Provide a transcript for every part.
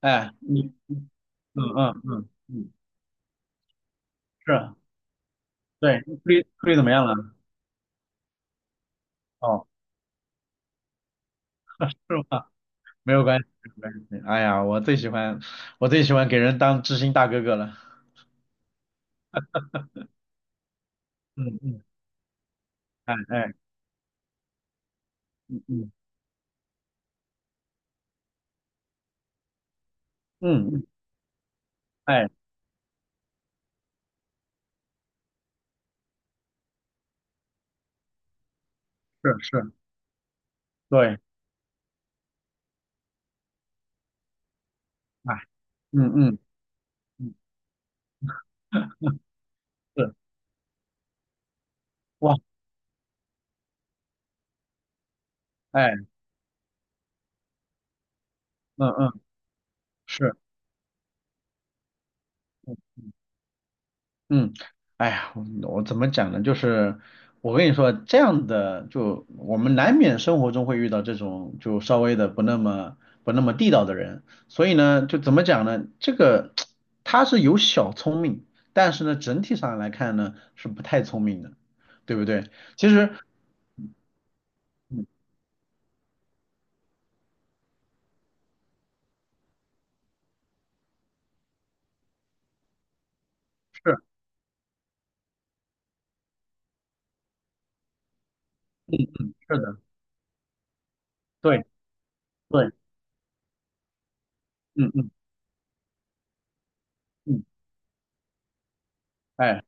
哎，你，嗯嗯嗯嗯，是，对，处理处理怎么样了？哦，是吗？没有关系，没有关系。哎呀，我最喜欢给人当知心大哥哥了。嗯嗯，哎哎，嗯嗯嗯嗯，哎，是是，对，哎，嗯嗯嗯，是，哇，哎，嗯嗯，是。嗯嗯，哎呀，我怎么讲呢？就是我跟你说，这样的就我们难免生活中会遇到这种就稍微的不那么地道的人，所以呢，就怎么讲呢？这个 他是有小聪明，但是呢，整体上来看呢是不太聪明的，对不对？其实，嗯，是是的，对对，嗯嗯嗯，哎。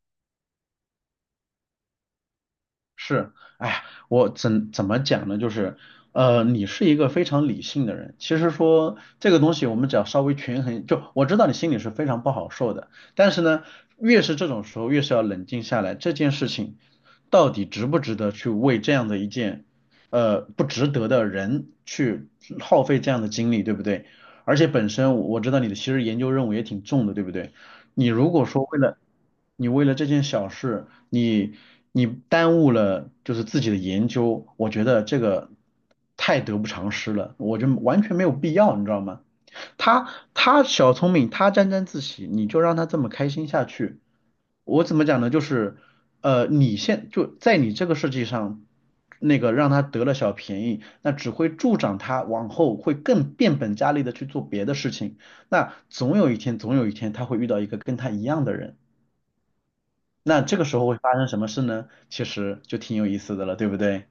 是，哎呀，我怎么讲呢？就是，你是一个非常理性的人。其实说这个东西，我们只要稍微权衡，就我知道你心里是非常不好受的，但是呢，越是这种时候，越是要冷静下来，这件事情到底值不值得去为这样的一件，不值得的人去耗费这样的精力，对不对？而且本身我知道你的其实研究任务也挺重的，对不对？你如果说为了你为了这件小事，你耽误了就是自己的研究，我觉得这个太得不偿失了，我就完全没有必要，你知道吗？他他小聪明，他沾沾自喜，你就让他这么开心下去，我怎么讲呢？就是，你就在你这个世界上，那个让他得了小便宜，那只会助长他往后会更变本加厉的去做别的事情。那总有一天，总有一天他会遇到一个跟他一样的人。那这个时候会发生什么事呢？其实就挺有意思的了，对不对？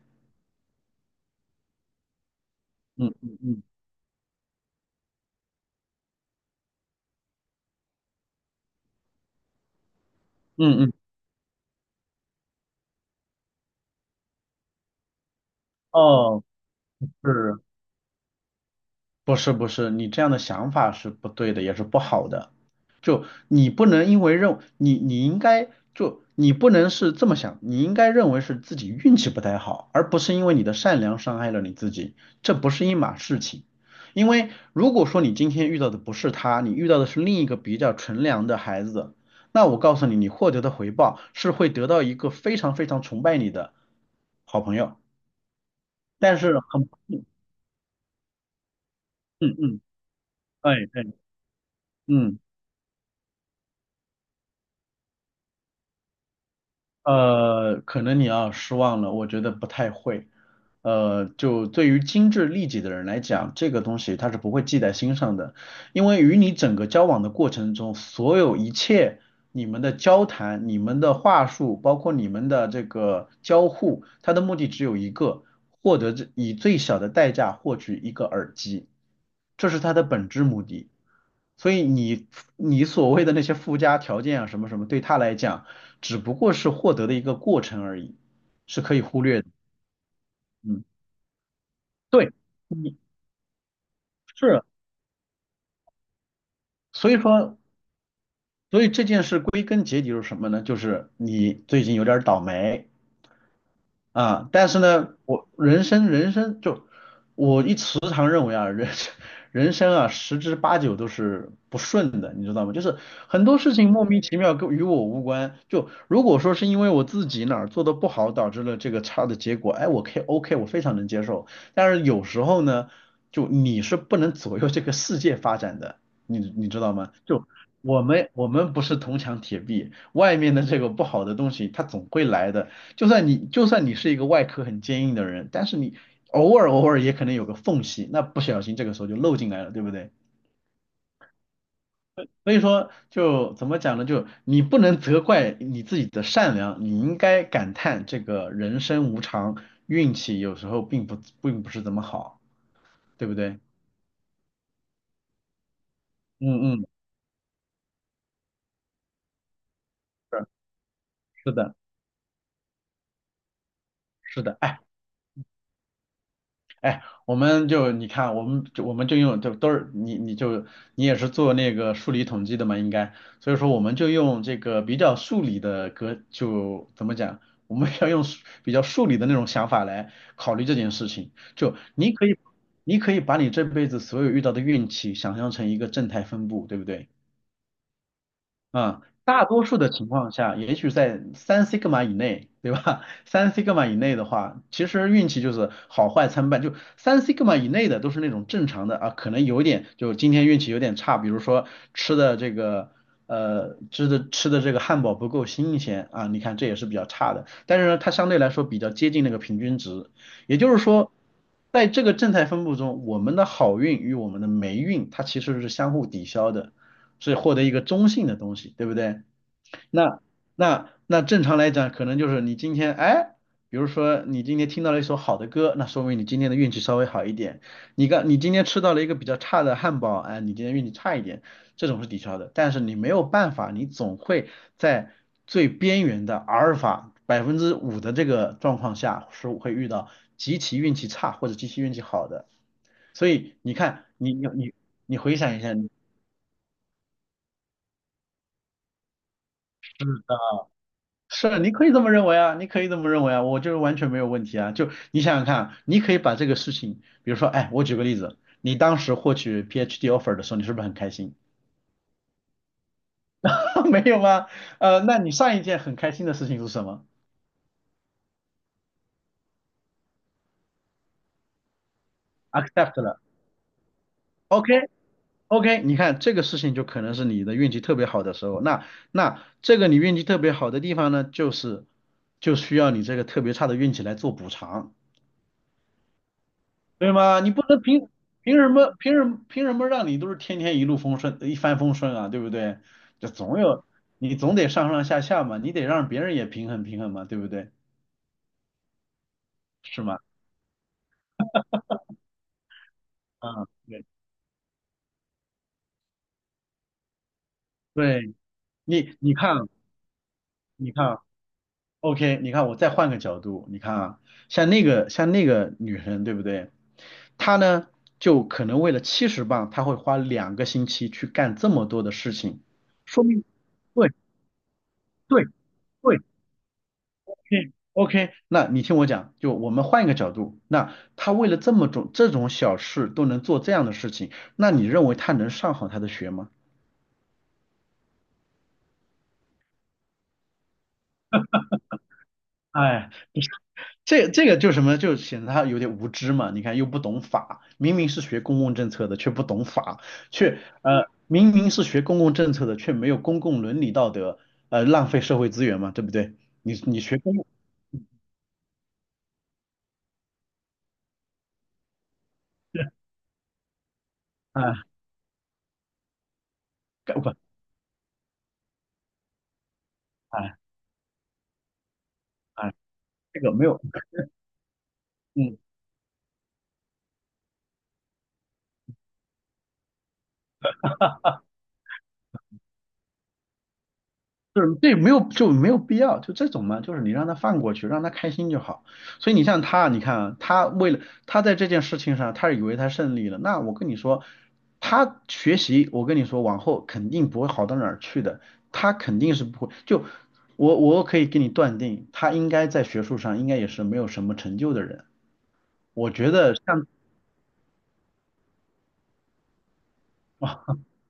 嗯嗯嗯嗯嗯，哦，是。不是不是，你这样的想法是不对的，也是不好的。就你不能因为认你你应该就你不能是这么想，你应该认为是自己运气不太好，而不是因为你的善良伤害了你自己，这不是一码事情。因为如果说你今天遇到的不是他，你遇到的是另一个比较纯良的孩子，那我告诉你，你获得的回报是会得到一个非常非常崇拜你的好朋友。但是很，嗯嗯，哎哎，嗯。可能你要失望了，我觉得不太会。就对于精致利己的人来讲，这个东西他是不会记在心上的，因为与你整个交往的过程中，所有一切你们的交谈、你们的话术，包括你们的这个交互，它的目的只有一个，获得这以最小的代价获取一个耳机，这是它的本质目的。所以你所谓的那些附加条件啊，什么什么，对他来讲。只不过是获得的一个过程而已，是可以忽略的。嗯，对，你是，所以说，所以这件事归根结底是什么呢？就是你最近有点儿倒霉，啊，但是呢，我人生人生就我一时常认为啊，人生人生啊，十之八九都是不顺的，你知道吗？就是很多事情莫名其妙与我无关。就如果说是因为我自己哪儿做的不好导致了这个差的结果，哎，我可以 OK，我非常能接受。但是有时候呢，就你是不能左右这个世界发展的，你知道吗？就我们不是铜墙铁壁，外面的这个不好的东西它总会来的。就算你是一个外壳很坚硬的人，但是你偶尔偶尔也可能有个缝隙，那不小心这个时候就漏进来了，对不对？所以说就怎么讲呢？就你不能责怪你自己的善良，你应该感叹这个人生无常，运气有时候并不是怎么好，对不对？嗯嗯，是是的，是的，哎。哎，我们就你看，我们就我们就用就都是你你就你也是做那个数理统计的嘛，应该，所以说我们就用这个比较数理的就怎么讲，我们要用比较数理的那种想法来考虑这件事情。就你可以把你这辈子所有遇到的运气想象成一个正态分布，对不对？嗯，大多数的情况下，也许在三 s i g 以内，对吧？三 s i g 以内的话，其实运气就是好坏参半。就三 s i g 以内的都是那种正常的啊，可能有点就今天运气有点差，比如说吃的这个呃吃的吃的这个汉堡不够新鲜啊，你看这也是比较差的。但是呢，它相对来说比较接近那个平均值，也就是说，在这个正态分布中，我们的好运与我们的霉运它其实是相互抵消的。是获得一个中性的东西，对不对？那那正常来讲，可能就是你今天哎，比如说你今天听到了一首好的歌，那说明你今天的运气稍微好一点。你今天吃到了一个比较差的汉堡，哎，你今天运气差一点，这种是抵消的。但是你没有办法，你总会在最边缘的阿尔法5%的这个状况下，是会遇到极其运气差或者极其运气好的。所以你看，你回想一下。是，你可以这么认为啊，你可以这么认为啊，我就是完全没有问题啊。就你想想看啊，你可以把这个事情，比如说，哎，我举个例子，你当时获取 PhD offer 的时候，你是不是很开心？没有吗？那你上一件很开心的事情是什么？accept 了，OK OK，你看这个事情就可能是你的运气特别好的时候。那这个你运气特别好的地方呢，就需要你这个特别差的运气来做补偿。对吗？你不能凭什么凭什么凭什么让你都是天天一路风顺一帆风顺啊，对不对？就总有你总得上上下下嘛，你得让别人也平衡平衡嘛，对不对？是吗？啊，对对，你看啊你看啊，OK，你看我再换个角度，你看啊，像那个女生，对不对？她呢就可能为了70磅，她会花2个星期去干这么多的事情，说明对对对 o k 那你听我讲，就我们换一个角度，那他为了这种小事都能做这样的事情，那你认为他能上好他的学吗？哎，不是这个就什么，就显得他有点无知嘛。你看又不懂法，明明是学公共政策的，却不懂法，却明明是学公共政策的，却没有公共伦理道德，浪费社会资源嘛，对不对？你你学公共，啊，干不，哎哎，这个没有。嗯。就是对，没有就没有必要，就这种嘛，就是你让他放过去，让他开心就好。所以你像他，你看啊他为了他在这件事情上，他以为他胜利了。那我跟你说，他学习，我跟你说，往后肯定不会好到哪儿去的。他肯定是不会，就我我可以给你断定，他应该在学术上应该也是没有什么成就的人。我觉得像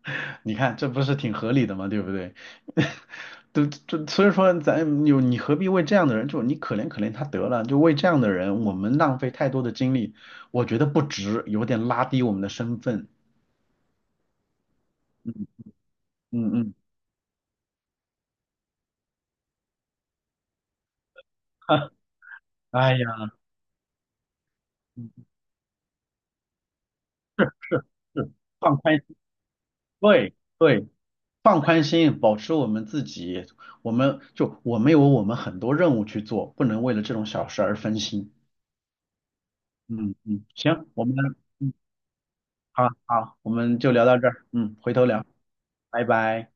你看，这不是挺合理的吗？对不对？所以说你何必为这样的人，就你可怜可怜他得了，就为这样的人，我们浪费太多的精力，我觉得不值，有点拉低我们的身份。嗯嗯嗯，哎呀，嗯是放宽心，对对，放宽心，保持我们自己，我们有很多任务去做，不能为了这种小事而分心。嗯嗯，行，好好，我们就聊到这儿，嗯，回头聊。拜拜。